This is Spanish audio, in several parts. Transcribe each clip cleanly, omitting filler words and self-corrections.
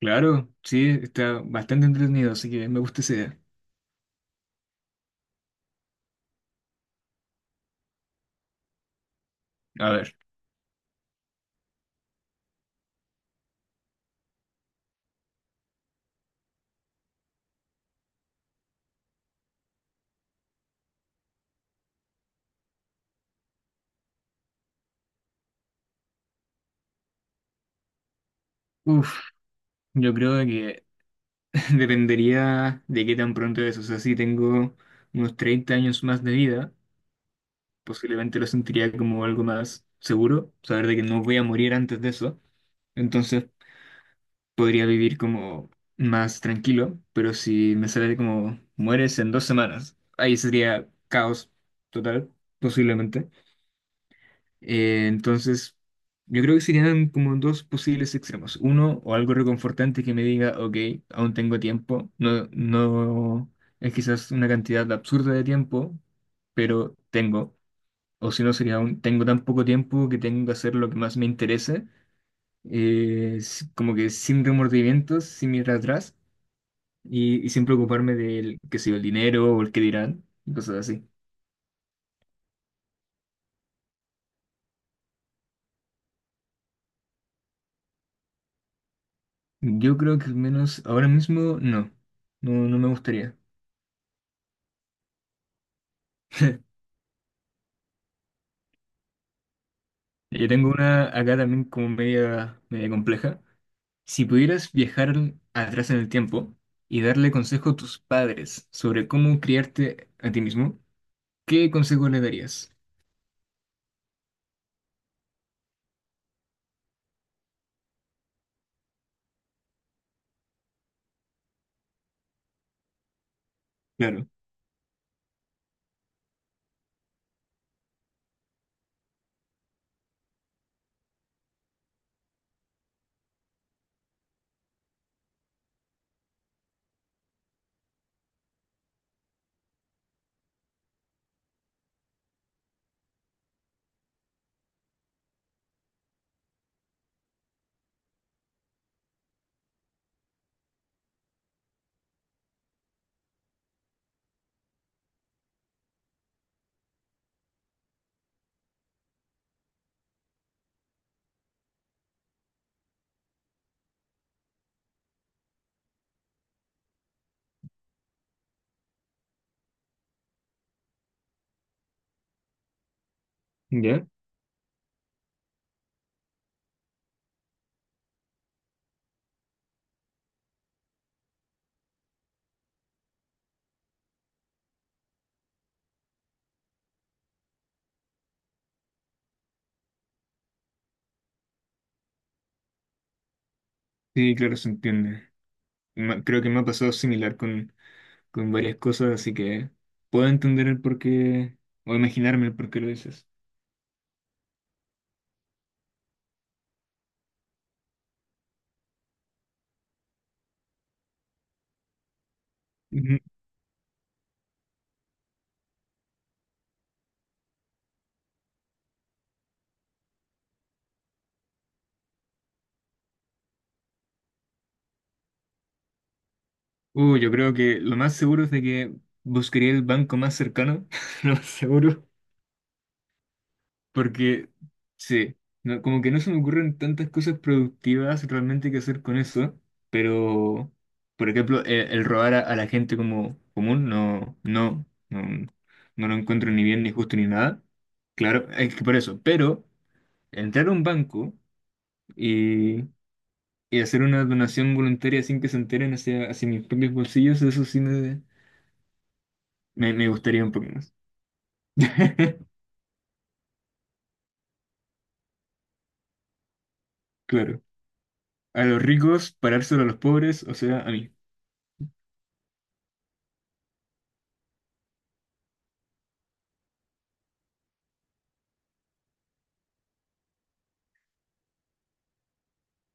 Claro, sí, está bastante entretenido, así que me gusta esa idea. A ver, uff, yo creo que dependería de qué tan pronto es. O sea, si tengo unos 30 años más de vida, posiblemente lo sentiría como algo más seguro, saber de que no voy a morir antes de eso. Entonces podría vivir como más tranquilo, pero si me sale como mueres en 2 semanas, ahí sería caos total, posiblemente. Entonces, yo creo que serían como dos posibles extremos. Uno, o algo reconfortante que me diga, ok, aún tengo tiempo. No, no es quizás una cantidad absurda de tiempo, pero tengo. O si no, sería tengo tan poco tiempo que tengo que hacer lo que más me interese, como que sin remordimientos, sin mirar atrás y sin preocuparme del, que sé yo, el dinero o el que dirán, y cosas así. Yo creo que al menos ahora mismo no, no, no me gustaría. Yo tengo una acá también como media compleja. Si pudieras viajar atrás en el tiempo y darle consejo a tus padres sobre cómo criarte a ti mismo, ¿qué consejo le darías? Claro, ¿ya? Sí, claro, se entiende. Creo que me ha pasado similar con varias cosas, así que puedo entender el porqué o imaginarme el porqué lo dices. Ujú. Yo creo que lo más seguro es de que buscaría el banco más cercano, lo más seguro. Porque, sí, no- como que no se me ocurren tantas cosas productivas realmente que hacer con eso, pero, por ejemplo, robar a la gente como común, no, no, no, no lo encuentro ni bien, ni justo, ni nada. Claro, es que por eso, pero entrar a un banco y, y hacer una donación voluntaria sin que se enteren hacia mis propios bolsillos, eso sí me gustaría un poco más. Claro, a los ricos, parárselo a los pobres, o sea, a mí.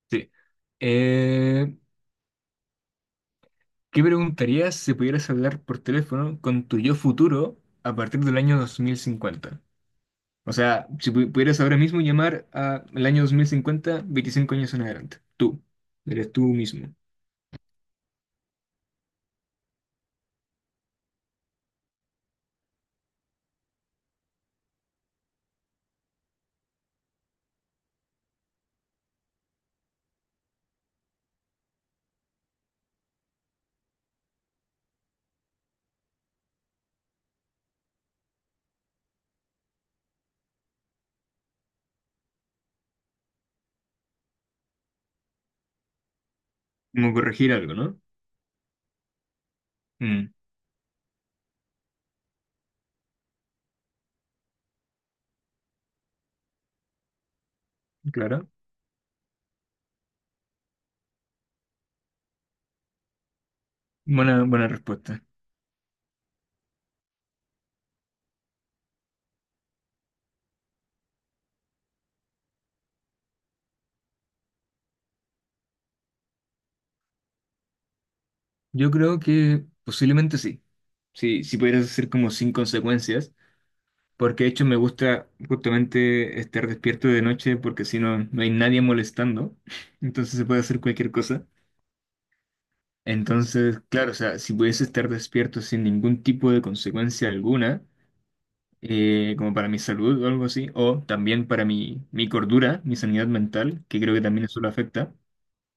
Sí. Eh, ¿Qué preguntarías si pudieras hablar por teléfono con tu yo futuro a partir del año 2050? O sea, si pudieras ahora mismo llamar al año 2050 25 años en adelante. Tú. Eres tú mismo. Como corregir algo, ¿no? Mm, claro. Buena, buena respuesta. Yo creo que posiblemente sí. Sí, si pudieras hacer como sin consecuencias. Porque de hecho me gusta justamente estar despierto de noche porque si no, no hay nadie molestando. Entonces se puede hacer cualquier cosa. Entonces, claro, o sea, si pudiese estar despierto sin ningún tipo de consecuencia alguna, como para mi salud o algo así, o también para mi cordura, mi sanidad mental, que creo que también eso lo afecta,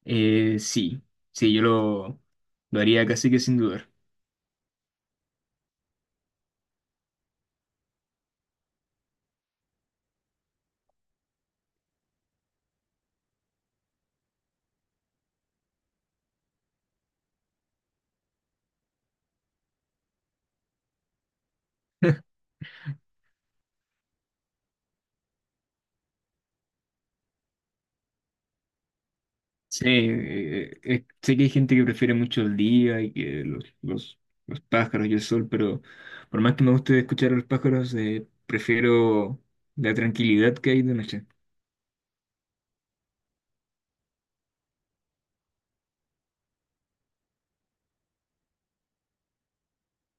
sí, sí, yo lo haría casi que sin dudar. Sí, sé que hay gente que prefiere mucho el día y que los pájaros y el sol, pero por más que me guste escuchar a los pájaros, prefiero la tranquilidad que hay de noche.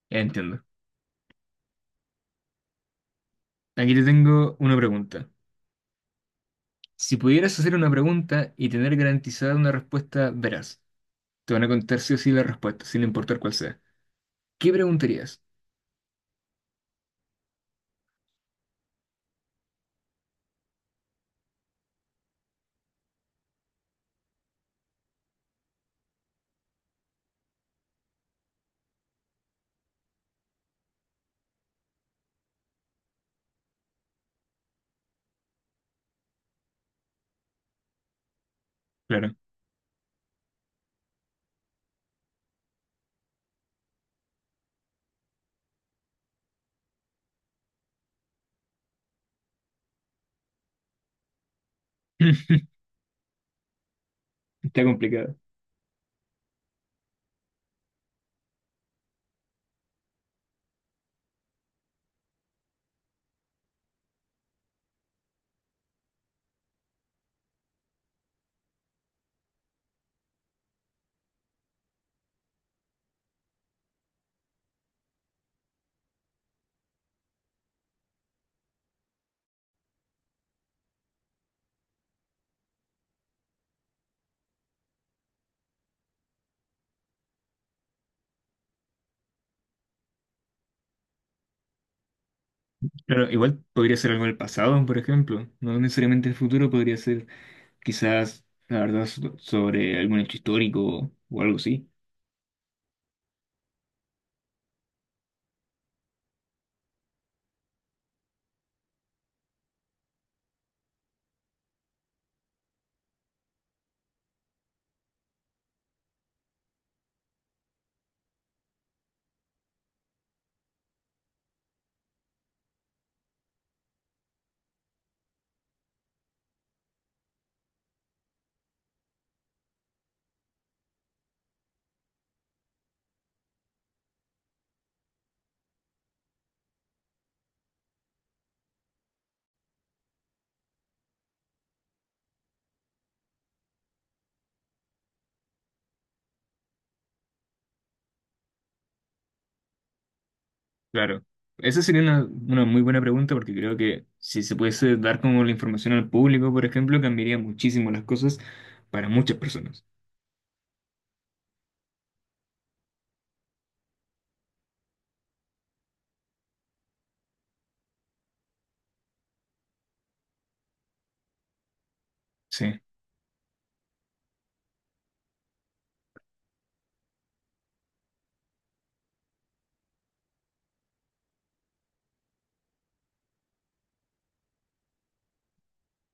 Ya entiendo. Aquí te tengo una pregunta. Si pudieras hacer una pregunta y tener garantizada una respuesta veraz, te van a contar sí o sí la respuesta, sin importar cuál sea. ¿Qué preguntarías? Claro. Está complicado. Claro, igual podría ser algo del pasado, por ejemplo. No necesariamente el futuro, podría ser quizás, la verdad, sobre algún hecho histórico o algo así. Claro. Esa sería una muy buena pregunta porque creo que si se pudiese dar como la información al público, por ejemplo, cambiaría muchísimo las cosas para muchas personas. Sí.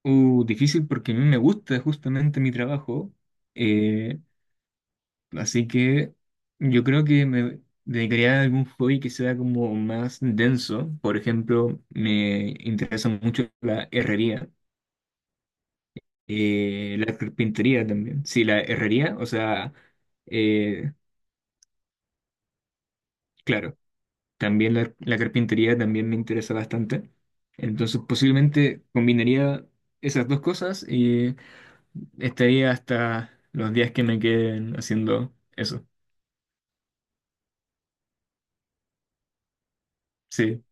Difícil porque a mí me gusta justamente mi trabajo. eh, Así que yo creo que me dedicaría a algún hobby que sea como más denso. Por ejemplo, me interesa mucho la herrería. La carpintería también. Sí, la herrería, o sea, eh, claro, también la carpintería también me interesa bastante. Entonces, posiblemente combinaría esas dos cosas y estaría hasta los días que me queden haciendo eso. Sí,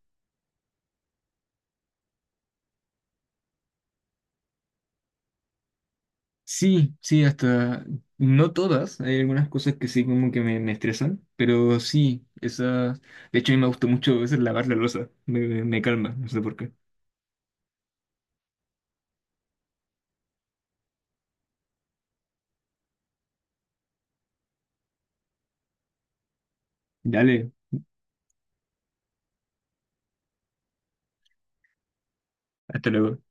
sí, sí, hasta no todas. Hay algunas cosas que sí como que me estresan, pero sí, esas. De hecho, a mí me gusta mucho a veces lavar la loza. Me calma, no sé por qué. Dale, hasta luego.